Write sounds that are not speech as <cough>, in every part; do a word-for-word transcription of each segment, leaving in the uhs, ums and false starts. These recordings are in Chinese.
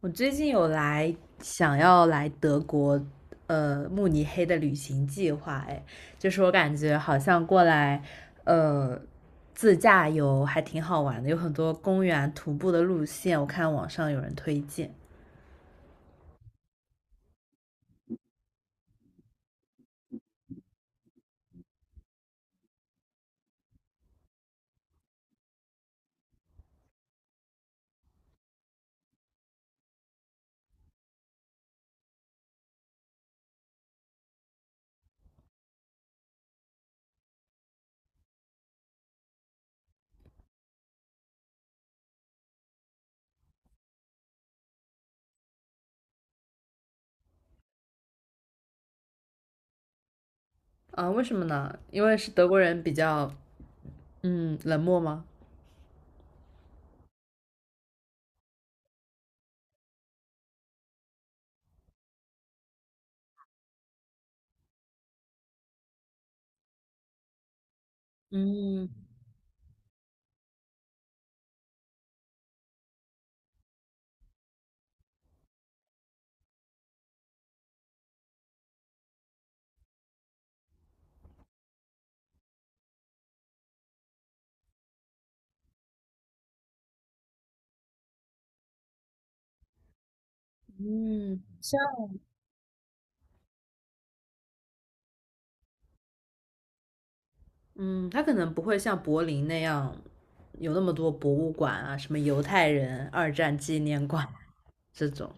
我最近有来想要来德国，呃，慕尼黑的旅行计划，哎，就是我感觉好像过来，呃，自驾游还挺好玩的，有很多公园徒步的路线，我看网上有人推荐。啊，为什么呢？因为是德国人比较，嗯，冷漠吗？嗯，像嗯，他可能不会像柏林那样有那么多博物馆啊，什么犹太人二战纪念馆啊这种。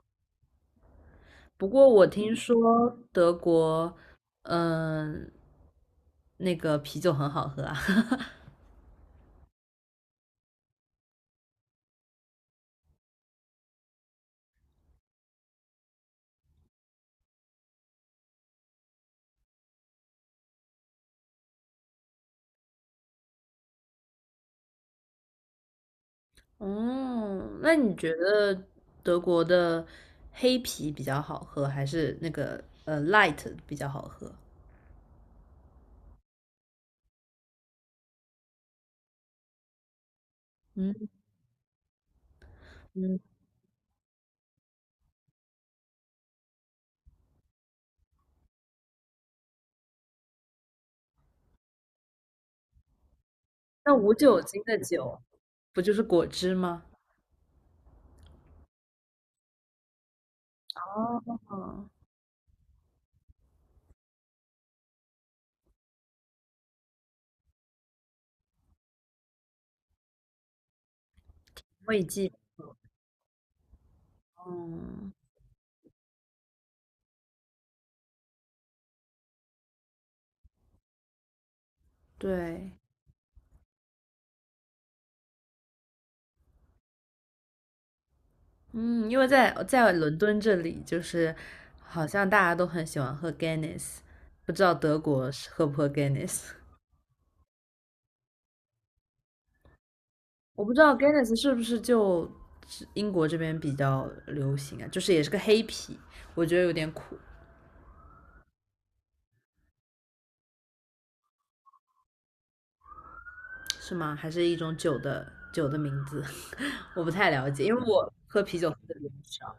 不过我听说德国，嗯、那个啤酒很好喝啊。<laughs> 哦，那你觉得德国的黑啤比较好喝，还是那个呃 light 比较好喝？嗯。嗯，那无酒精的酒不就是果汁吗？哦，味精。嗯，对。嗯，因为在在伦敦这里，就是好像大家都很喜欢喝 Guinness，不知道德国是喝不喝 Guinness？我不知道 Guinness 是不是就是英国这边比较流行啊？就是也是个黑啤，我觉得有点苦，是吗？还是一种酒的酒的名字？<laughs> 我不太了解，因为我喝啤酒喝的比较少。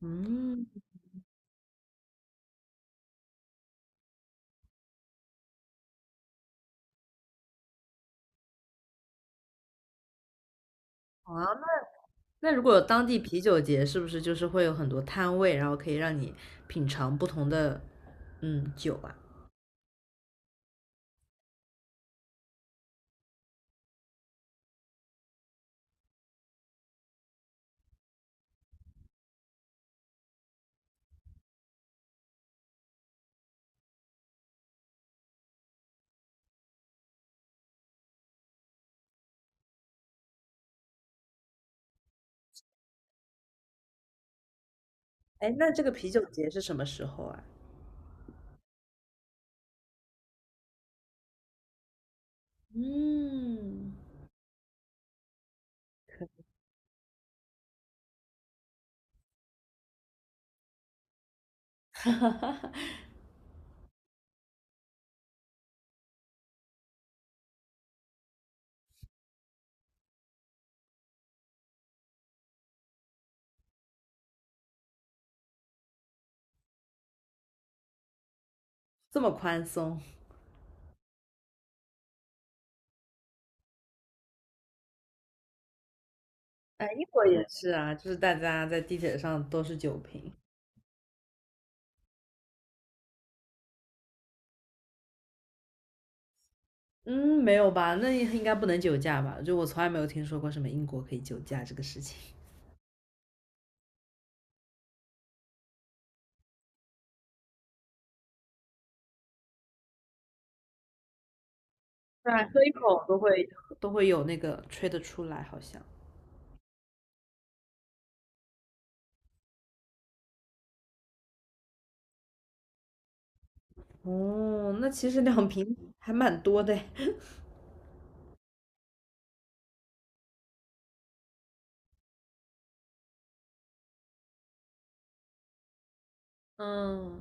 嗯，好啊，那那如果有当地啤酒节，是不是就是会有很多摊位，然后可以让你品尝不同的嗯酒啊？哎，那这个啤酒节是什么时候啊？嗯。<laughs> 这么宽松？哎，英国也是啊，就是大家在地铁上都是酒瓶。嗯，没有吧？那应该不能酒驾吧？就我从来没有听说过什么英国可以酒驾这个事情。对啊，喝一口都会都会有那个吹得出来，好像。哦，那其实两瓶还蛮多的诶。<laughs> 嗯，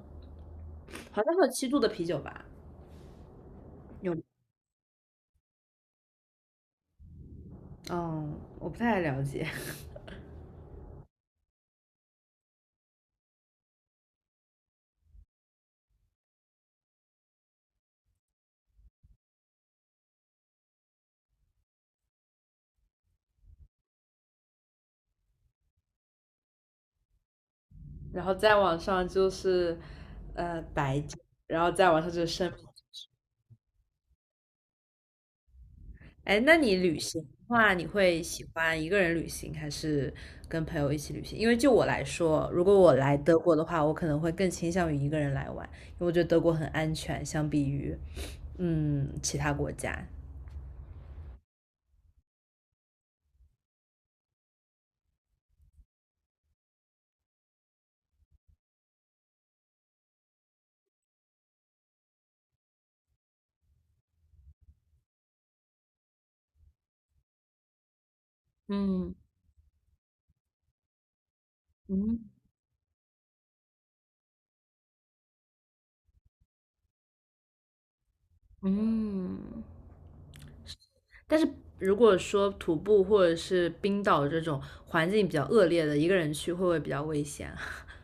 好像还有七度的啤酒吧？有。嗯，我不太了解。<laughs> 然后再往上就是呃白酒，然后再往上就是生米。哎，那你旅行的话，你会喜欢一个人旅行，还是跟朋友一起旅行？因为就我来说，如果我来德国的话，我可能会更倾向于一个人来玩，因为我觉得德国很安全，相比于嗯其他国家。嗯。嗯。嗯，但是如果说徒步或者是冰岛这种环境比较恶劣的，一个人去会不会比较危险啊？<laughs>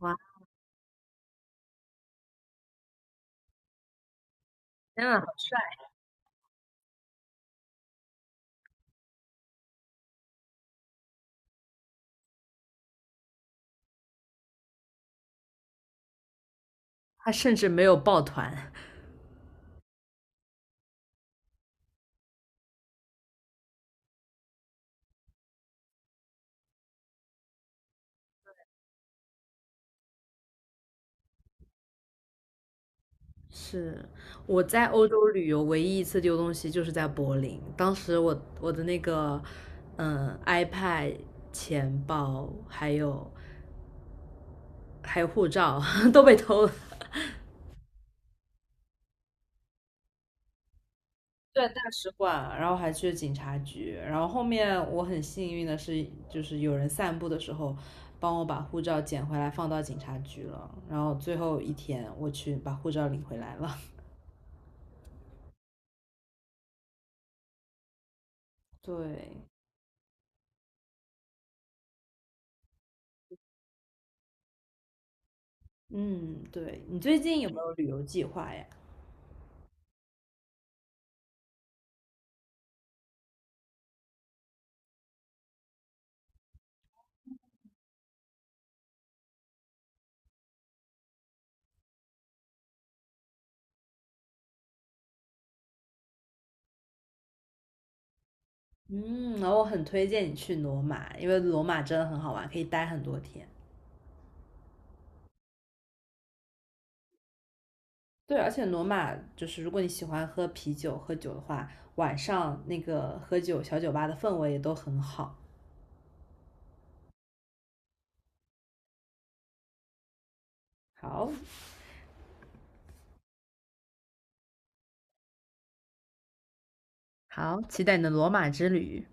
哇，天呐，他甚至没有抱团。是。我在欧洲旅游唯一一次丢东西就是在柏林，当时我我的那个嗯 iPad、 钱包还有还有护照 <laughs> 都被偷了。对，大使馆，然后还去警察局，然后后面我很幸运的是，就是有人散步的时候帮我把护照捡回来放到警察局了，然后最后一天我去把护照领回来了。<laughs> 对。嗯，对，你最近有没有旅游计划呀？嗯，然后我很推荐你去罗马，因为罗马真的很好玩，可以待很多天。对，而且罗马就是如果你喜欢喝啤酒、喝酒的话，晚上那个喝酒小酒吧的氛围也都很好。好。好，期待你的罗马之旅。